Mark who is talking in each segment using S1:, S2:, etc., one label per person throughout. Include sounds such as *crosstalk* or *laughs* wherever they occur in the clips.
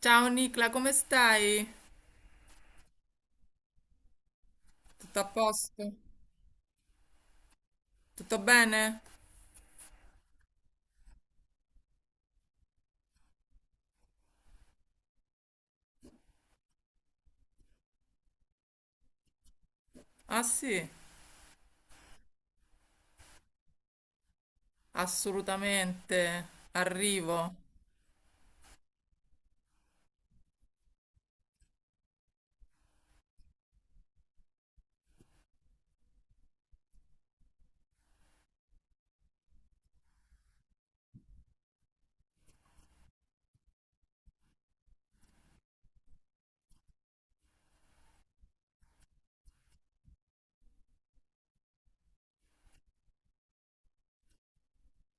S1: Ciao Nicla, come stai? Tutto a posto? Tutto bene? Ah sì, assolutamente. Arrivo.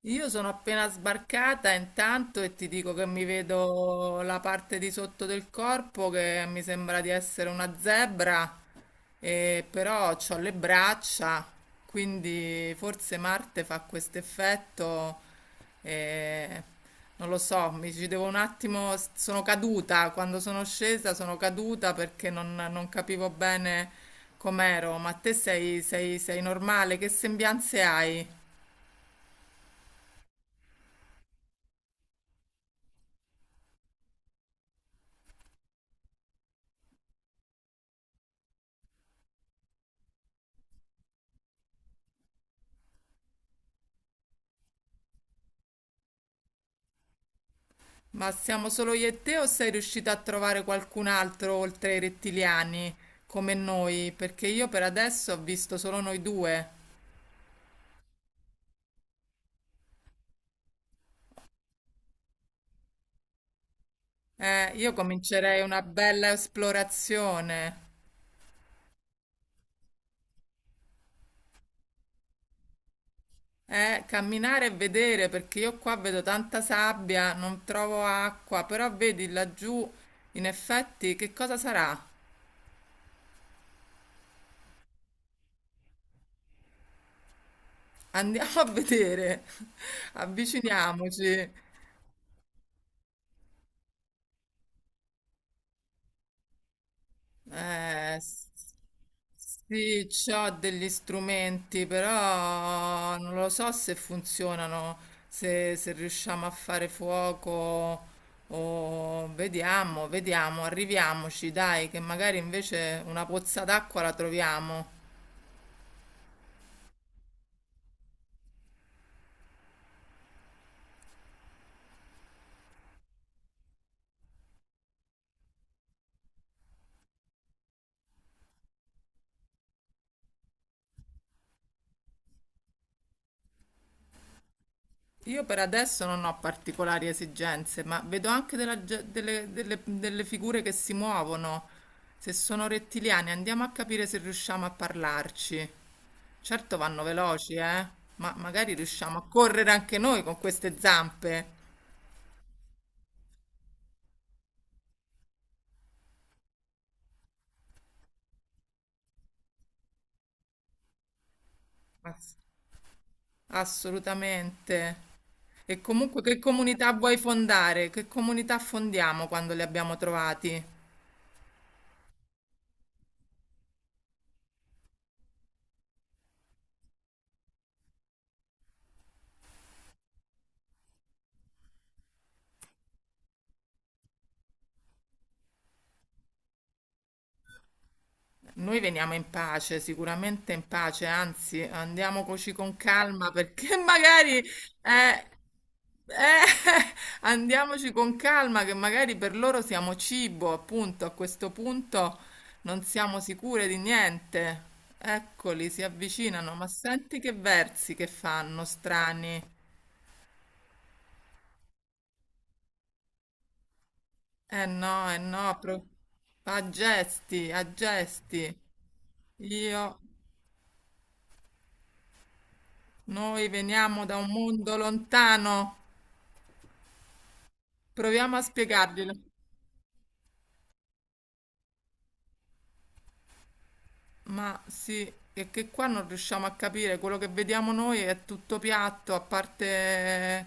S1: Io sono appena sbarcata intanto e ti dico che mi vedo la parte di sotto del corpo che mi sembra di essere una zebra, e però ho le braccia, quindi forse Marte fa questo effetto, e non lo so, mi ci devo un attimo, sono caduta, quando sono scesa sono caduta perché non capivo bene com'ero, ma te sei, sei normale? Che sembianze hai? Ma siamo solo io e te o sei riuscita a trovare qualcun altro oltre ai rettiliani come noi? Perché io per adesso ho visto solo noi due. Io comincerei una bella esplorazione. Camminare e vedere perché io qua vedo tanta sabbia, non trovo acqua, però vedi laggiù, in effetti, che cosa sarà? Andiamo a vedere. *laughs* Avviciniamoci. Eh, s- sì, c'ho degli strumenti, però non lo so se funzionano, se riusciamo a fare fuoco o vediamo, vediamo, arriviamoci, dai, che magari invece una pozza d'acqua la troviamo. Io per adesso non ho particolari esigenze, ma vedo anche delle, delle figure che si muovono. Se sono rettiliani, andiamo a capire se riusciamo a parlarci. Certo vanno veloci, eh? Ma magari riusciamo a correre anche noi con queste zampe. Ass- Assolutamente. E comunque che comunità vuoi fondare? Che comunità fondiamo quando li abbiamo trovati? Noi veniamo in pace, sicuramente in pace, anzi andiamoci con calma perché *laughs* magari eh, eh, *laughs* andiamoci con calma che magari per loro siamo cibo, appunto, a questo punto non siamo sicure di niente. Eccoli, si avvicinano, ma senti che versi che fanno, strani. Eh no, a gesti, a gesti. Io, noi veniamo da un mondo lontano. Proviamo a spiegarglielo. Ma sì, è che qua non riusciamo a capire, quello che vediamo noi è tutto piatto, a parte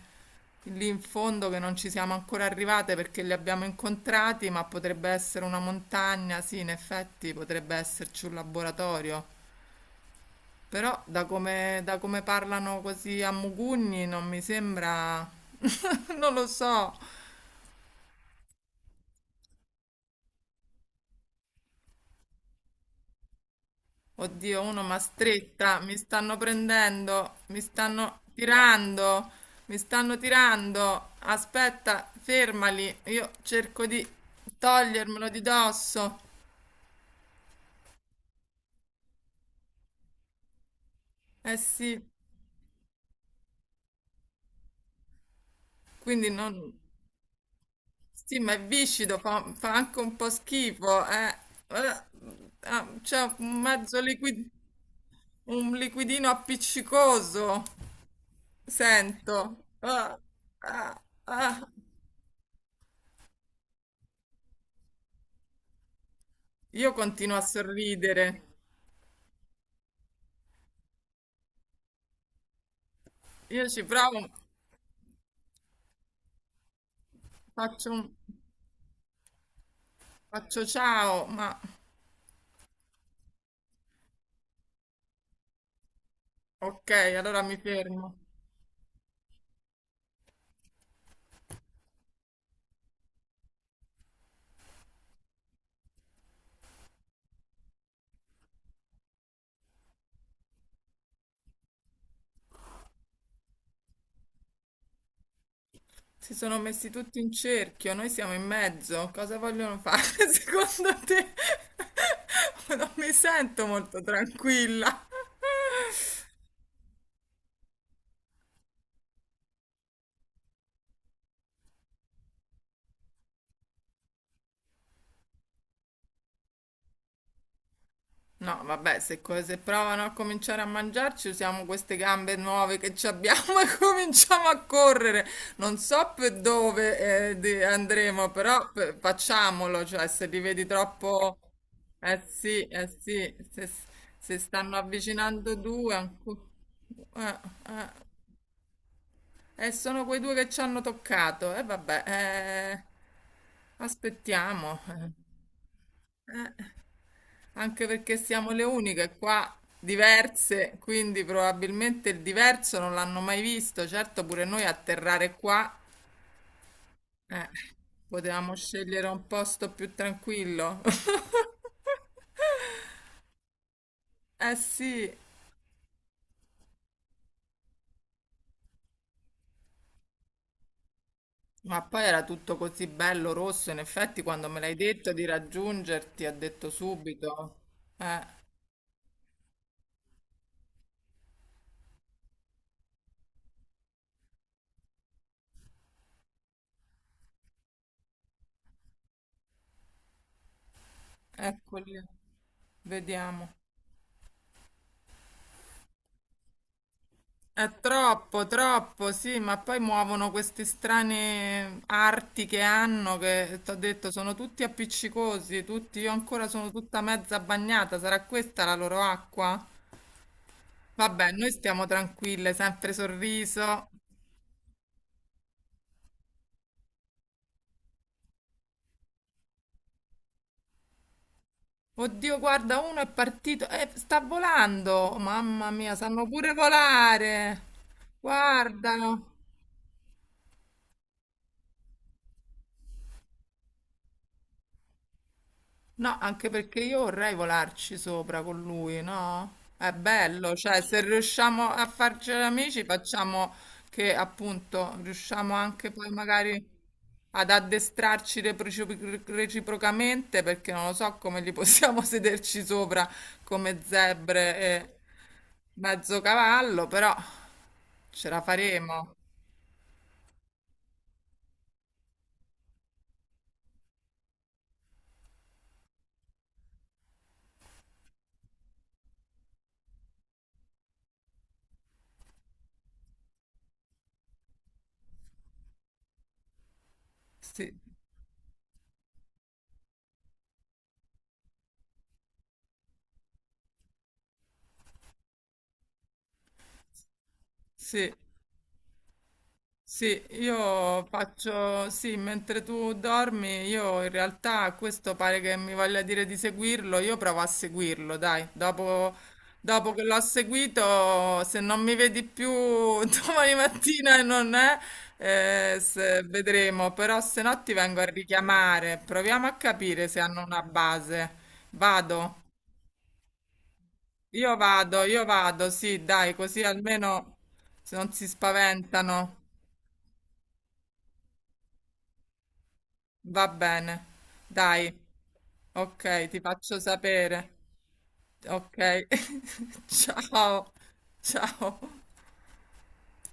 S1: lì in fondo che non ci siamo ancora arrivate perché li abbiamo incontrati, ma potrebbe essere una montagna, sì, in effetti potrebbe esserci un laboratorio. Però da come parlano così a mugugni non mi sembra... *laughs* non lo so. Oddio, uno ma stretta, mi stanno prendendo, mi stanno tirando, mi stanno tirando. Aspetta, fermali, io cerco di togliermelo di dosso. Eh sì, quindi non... Sì, ma è viscido, fa anche un po' schifo, eh. Eh, ah, c'è un mezzo liquid... un liquidino appiccicoso, sento. Ah, ah, ah. Io continuo a sorridere. Io ci provo, faccio, un- faccio ciao, ma ok, allora mi fermo. Si sono messi tutti in cerchio, noi siamo in mezzo. Cosa vogliono fare *laughs* secondo te? *laughs* Non mi sento molto tranquilla. No, vabbè, se provano a cominciare a mangiarci, usiamo queste gambe nuove che ci abbiamo *laughs* e cominciamo a correre. Non so per dove andremo, però facciamolo, cioè se li vedi troppo... sì, eh sì, se, se stanno avvicinando due... Eh, eh, sono quei due che ci hanno toccato. E vabbè, aspettiamo. Eh. Anche perché siamo le uniche qua diverse, quindi probabilmente il diverso non l'hanno mai visto. Certo, pure noi atterrare qua, eh, potevamo scegliere un posto più tranquillo. *laughs* Eh sì, ma poi era tutto così bello rosso. In effetti, quando me l'hai detto di raggiungerti, ha detto subito. Eh, eccoli, vediamo. È troppo, troppo, sì, ma poi muovono queste strane arti che hanno, che ti ho detto, sono tutti appiccicosi, tutti, io ancora sono tutta mezza bagnata, sarà questa la loro acqua? Vabbè, noi stiamo tranquille, sempre sorriso. Oddio, guarda, uno è partito, sta volando, mamma mia, sanno pure volare, guardalo. No, anche perché io vorrei volarci sopra con lui, no? È bello, cioè se riusciamo a farci amici facciamo che appunto riusciamo anche poi magari ad addestrarci reciprocamente perché non lo so come li possiamo *laughs* sederci sopra come zebre e mezzo cavallo, però ce la faremo. Sì, sì. Sì, io faccio, sì, mentre tu dormi, io in realtà questo pare che mi voglia dire di seguirlo, io provo a seguirlo, dai, dopo, dopo che l'ho seguito, se non mi vedi più *laughs* domani mattina e non è, vedremo, però se no ti vengo a richiamare, proviamo a capire se hanno una base. Vado, io vado, sì, dai, così almeno se non si spaventano. Va bene, dai, ok, ti faccio sapere. Ok, *laughs* ciao, ciao.